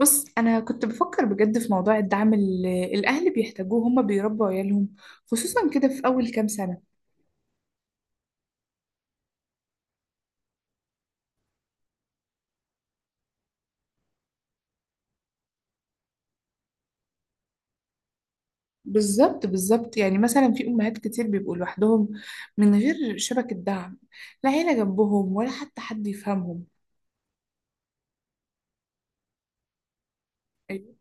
بص، انا كنت بفكر بجد في موضوع الدعم اللي الاهل بيحتاجوه. هما بيربوا عيالهم خصوصا كده في اول كام سنه. بالظبط بالظبط، يعني مثلا في امهات كتير بيبقوا لوحدهم من غير شبكه دعم، لا عيله جنبهم ولا حتى حد يفهمهم. ايوه،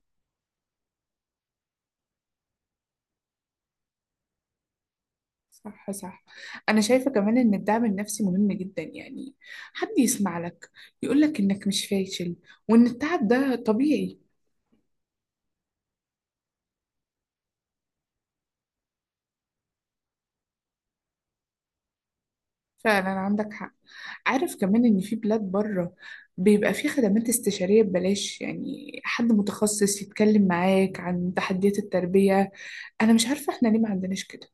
صح صح. انا شايفه كمان ان الدعم النفسي مهم جدا، يعني حد يسمع لك، يقول لك انك مش فاشل وان التعب ده طبيعي. فعلا عندك حق. عارف كمان إن في بلاد بره بيبقى في خدمات استشارية ببلاش، يعني حد متخصص يتكلم معاك عن تحديات التربية. أنا مش عارفة إحنا ليه ما عندناش كده.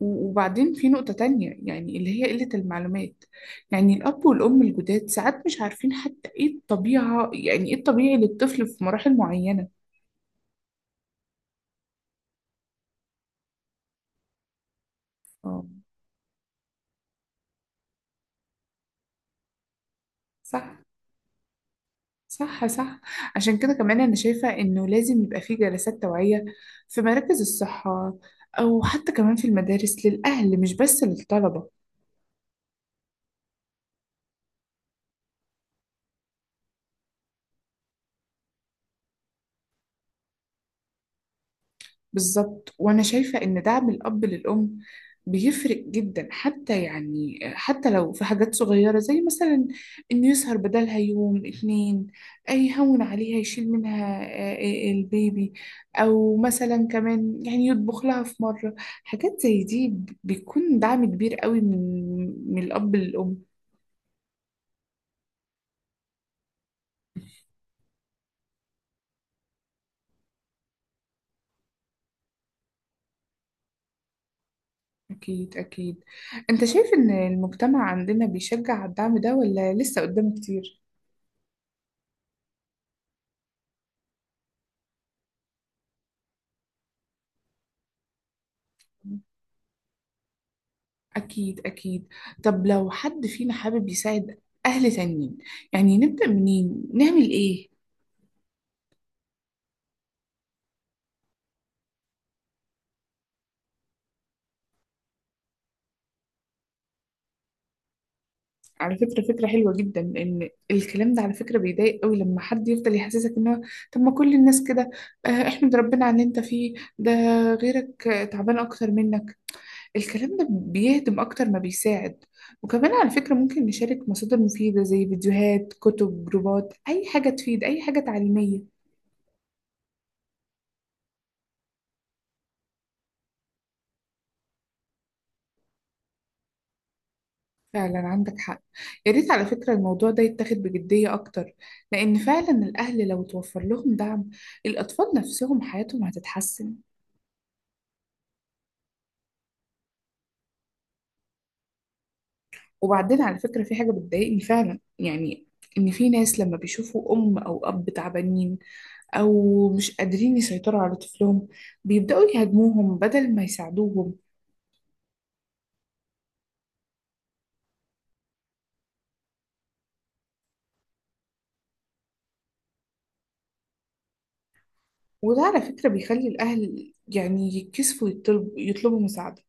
وبعدين في نقطة تانية، يعني اللي هي قلة المعلومات. يعني الأب والأم الجداد ساعات مش عارفين حتى إيه الطبيعة، يعني إيه الطبيعي للطفل في مراحل معينة. اه، صح صح صح. عشان كده كمان أنا شايفة إنه لازم يبقى في جلسات توعية، في مراكز الصحة، أو حتى كمان في المدارس للأهل مش بس للطلبة. بالظبط، وانا شايفه ان دعم الاب للام بيفرق جدا، حتى يعني حتى لو في حاجات صغيره زي مثلا انه يسهر بدلها يوم اتنين، أي يهون عليها يشيل منها البيبي، او مثلا كمان يعني يطبخ لها في مره. حاجات زي دي بيكون دعم كبير قوي من الاب للام. اكيد اكيد. انت شايف ان المجتمع عندنا بيشجع على الدعم ده، ولا لسه قدامه كتير؟ أكيد أكيد. طب لو حد فينا حابب يساعد أهل تانيين، يعني نبدأ منين؟ نعمل إيه؟ على فكرة فكرة حلوة جدا. لأن الكلام ده على فكرة بيضايق قوي لما حد يفضل يحسسك إن هو، طب ما كل الناس كده، احمد ربنا على اللي أنت فيه ده، غيرك تعبان أكتر منك. الكلام ده بيهدم أكتر ما بيساعد. وكمان على فكرة ممكن نشارك مصادر مفيدة زي فيديوهات، كتب، جروبات، أي حاجة تفيد، أي حاجة تعليمية. فعلا عندك حق. يا ريت على فكرة الموضوع ده يتاخد بجدية أكتر، لأن فعلا الأهل لو توفر لهم دعم، الأطفال نفسهم حياتهم هتتحسن. وبعدين على فكرة في حاجة بتضايقني فعلا، يعني إن في ناس لما بيشوفوا أم أو أب تعبانين، أو مش قادرين يسيطروا على طفلهم، بيبدأوا يهاجموهم بدل ما يساعدوهم. وده على فكرة بيخلي الأهل يعني يتكسفوا يطلبوا مساعدة،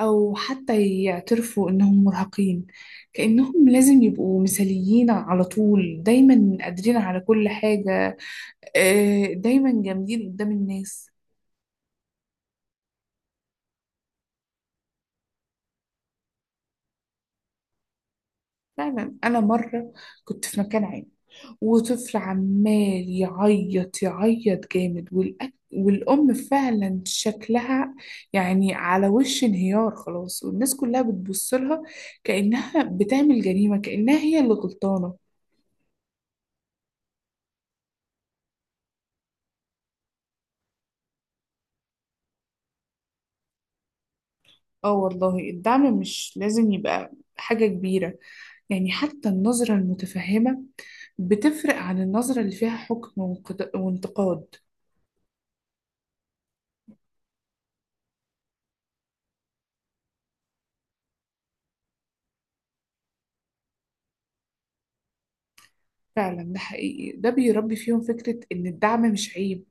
أو حتى يعترفوا إنهم مرهقين. كأنهم لازم يبقوا مثاليين على طول، دايما قادرين على كل حاجة، دايما جامدين قدام الناس. فعلا أنا مرة كنت في مكان عام، وطفل عمال يعيط يعيط جامد، والأم فعلا شكلها يعني على وش انهيار خلاص، والناس كلها بتبص لها، كأنها بتعمل جريمة، كأنها هي اللي غلطانة. اه والله، الدعم مش لازم يبقى حاجة كبيرة، يعني حتى النظرة المتفهمة بتفرق عن النظرة اللي فيها حكم وانتقاد. فعلا ده حقيقي. ده بيربي فيهم فكرة إن الدعم مش عيب،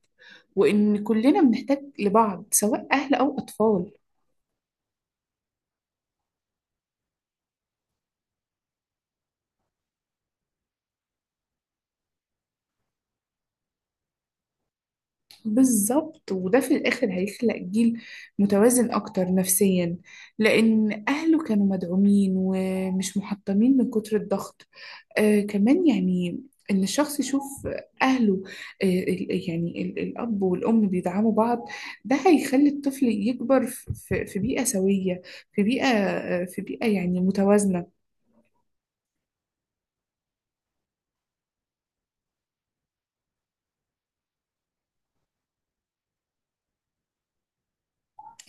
وإن كلنا بنحتاج لبعض سواء أهل أو أطفال. بالظبط، وده في الآخر هيخلق جيل متوازن أكتر نفسيا، لأن أهله كانوا مدعومين ومش محطمين من كتر الضغط. كمان يعني إن الشخص يشوف أهله، الأب والأم بيدعموا بعض، ده هيخلي الطفل يكبر في بيئة سوية، في بيئة، في بيئة يعني متوازنة.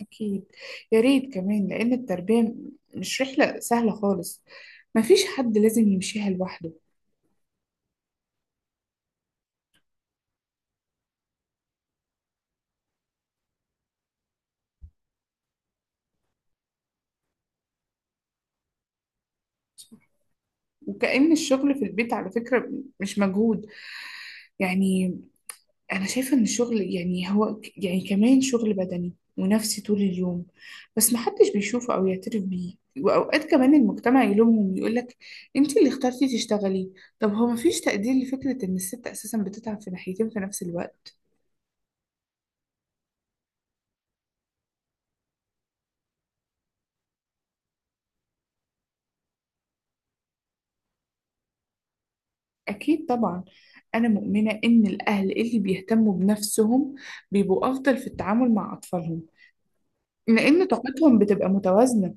أكيد. يا ريت كمان، لأن التربية مش رحلة سهلة خالص، مفيش حد لازم يمشيها لوحده. وكأن الشغل في البيت على فكرة مش مجهود، يعني أنا شايفة إن الشغل يعني هو يعني كمان شغل بدني ونفسي طول اليوم، بس محدش بيشوفه أو يعترف بيه. وأوقات كمان المجتمع يلومهم ويقولك أنت اللي اخترتي تشتغلي. طب هو مفيش تقدير لفكرة إن الست أساسا بتتعب في ناحيتين في نفس الوقت؟ أكيد طبعا. أنا مؤمنة إن الأهل اللي بيهتموا بنفسهم بيبقوا أفضل في التعامل مع أطفالهم، لأن طاقتهم بتبقى متوازنة.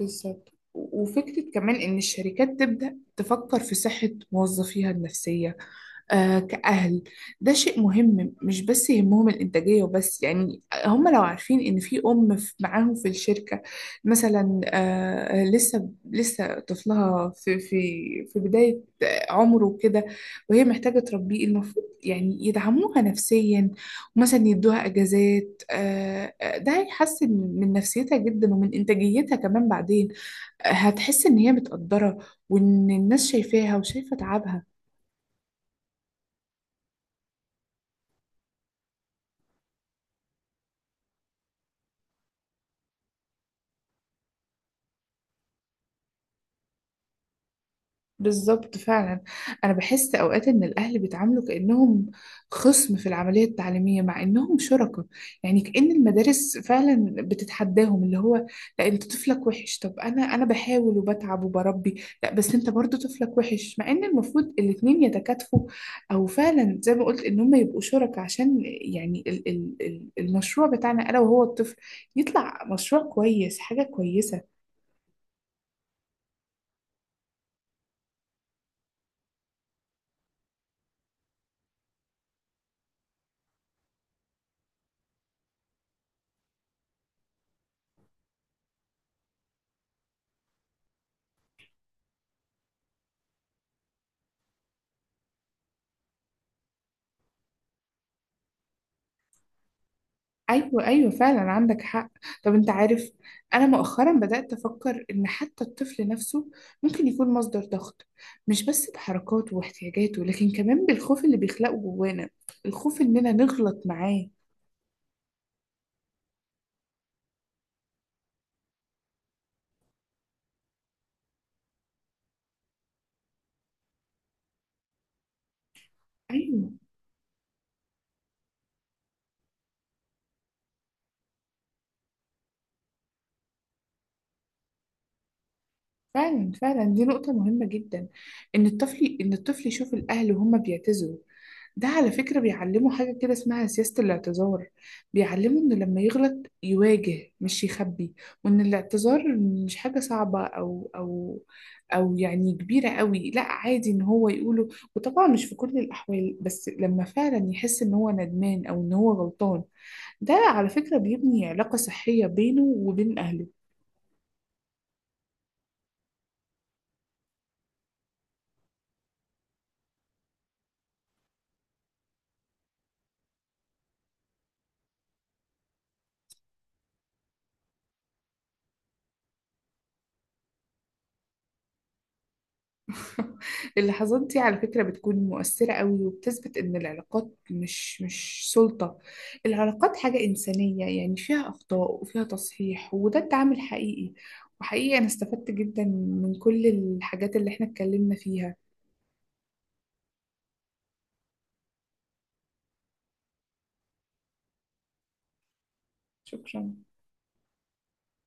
بالظبط، وفكرة كمان إن الشركات تبدأ تفكر في صحة موظفيها النفسية، كأهل. ده شيء مهم، مش بس يهمهم الإنتاجية وبس. يعني هم لو عارفين إن في أم معاهم في الشركة مثلا، لسه لسه طفلها في بداية عمره كده، وهي محتاجة تربيه، المفروض يعني يدعموها نفسيا، ومثلا يدوها أجازات، ده هيحسن من نفسيتها جدا، ومن إنتاجيتها كمان. بعدين هتحس إن هي متقدرة، وإن الناس شايفاها وشايفة تعبها. بالظبط فعلا. انا بحس اوقات ان الاهل بيتعاملوا كانهم خصم في العمليه التعليميه، مع انهم شركاء. يعني كأن المدارس فعلا بتتحداهم، اللي هو لا، انت طفلك وحش. طب انا بحاول وبتعب وبربي، لا بس انت برضو طفلك وحش. مع ان المفروض الاتنين يتكاتفوا، او فعلا زي ما قلت ان هم يبقوا شركاء، عشان يعني المشروع بتاعنا انا وهو الطفل يطلع مشروع كويس، حاجه كويسه. ايوه ايوه، فعلا عندك حق. طب انت عارف، انا مؤخرا بدأت افكر ان حتى الطفل نفسه ممكن يكون مصدر ضغط، مش بس بحركاته واحتياجاته، لكن كمان بالخوف اللي بيخلقه جوانا، الخوف اننا نغلط معاه. ايوه فعلا فعلا. دي نقطة مهمة جدا، إن الطفل يشوف الأهل وهم بيعتذروا. ده على فكرة بيعلمه حاجة كده اسمها سياسة الاعتذار، بيعلمه إنه لما يغلط يواجه مش يخبي. وإن الاعتذار مش حاجة صعبة أو يعني كبيرة قوي، لا عادي إن هو يقوله. وطبعا مش في كل الأحوال، بس لما فعلا يحس إن هو ندمان أو إن هو غلطان، ده على فكرة بيبني علاقة صحية بينه وبين أهله. اللحظات دي على فكرة بتكون مؤثرة قوي، وبتثبت إن العلاقات مش سلطة. العلاقات حاجة إنسانية، يعني فيها أخطاء وفيها تصحيح، وده التعامل حقيقي. وحقيقي أنا استفدت جدا من كل الحاجات اللي إحنا اتكلمنا فيها. شكرا.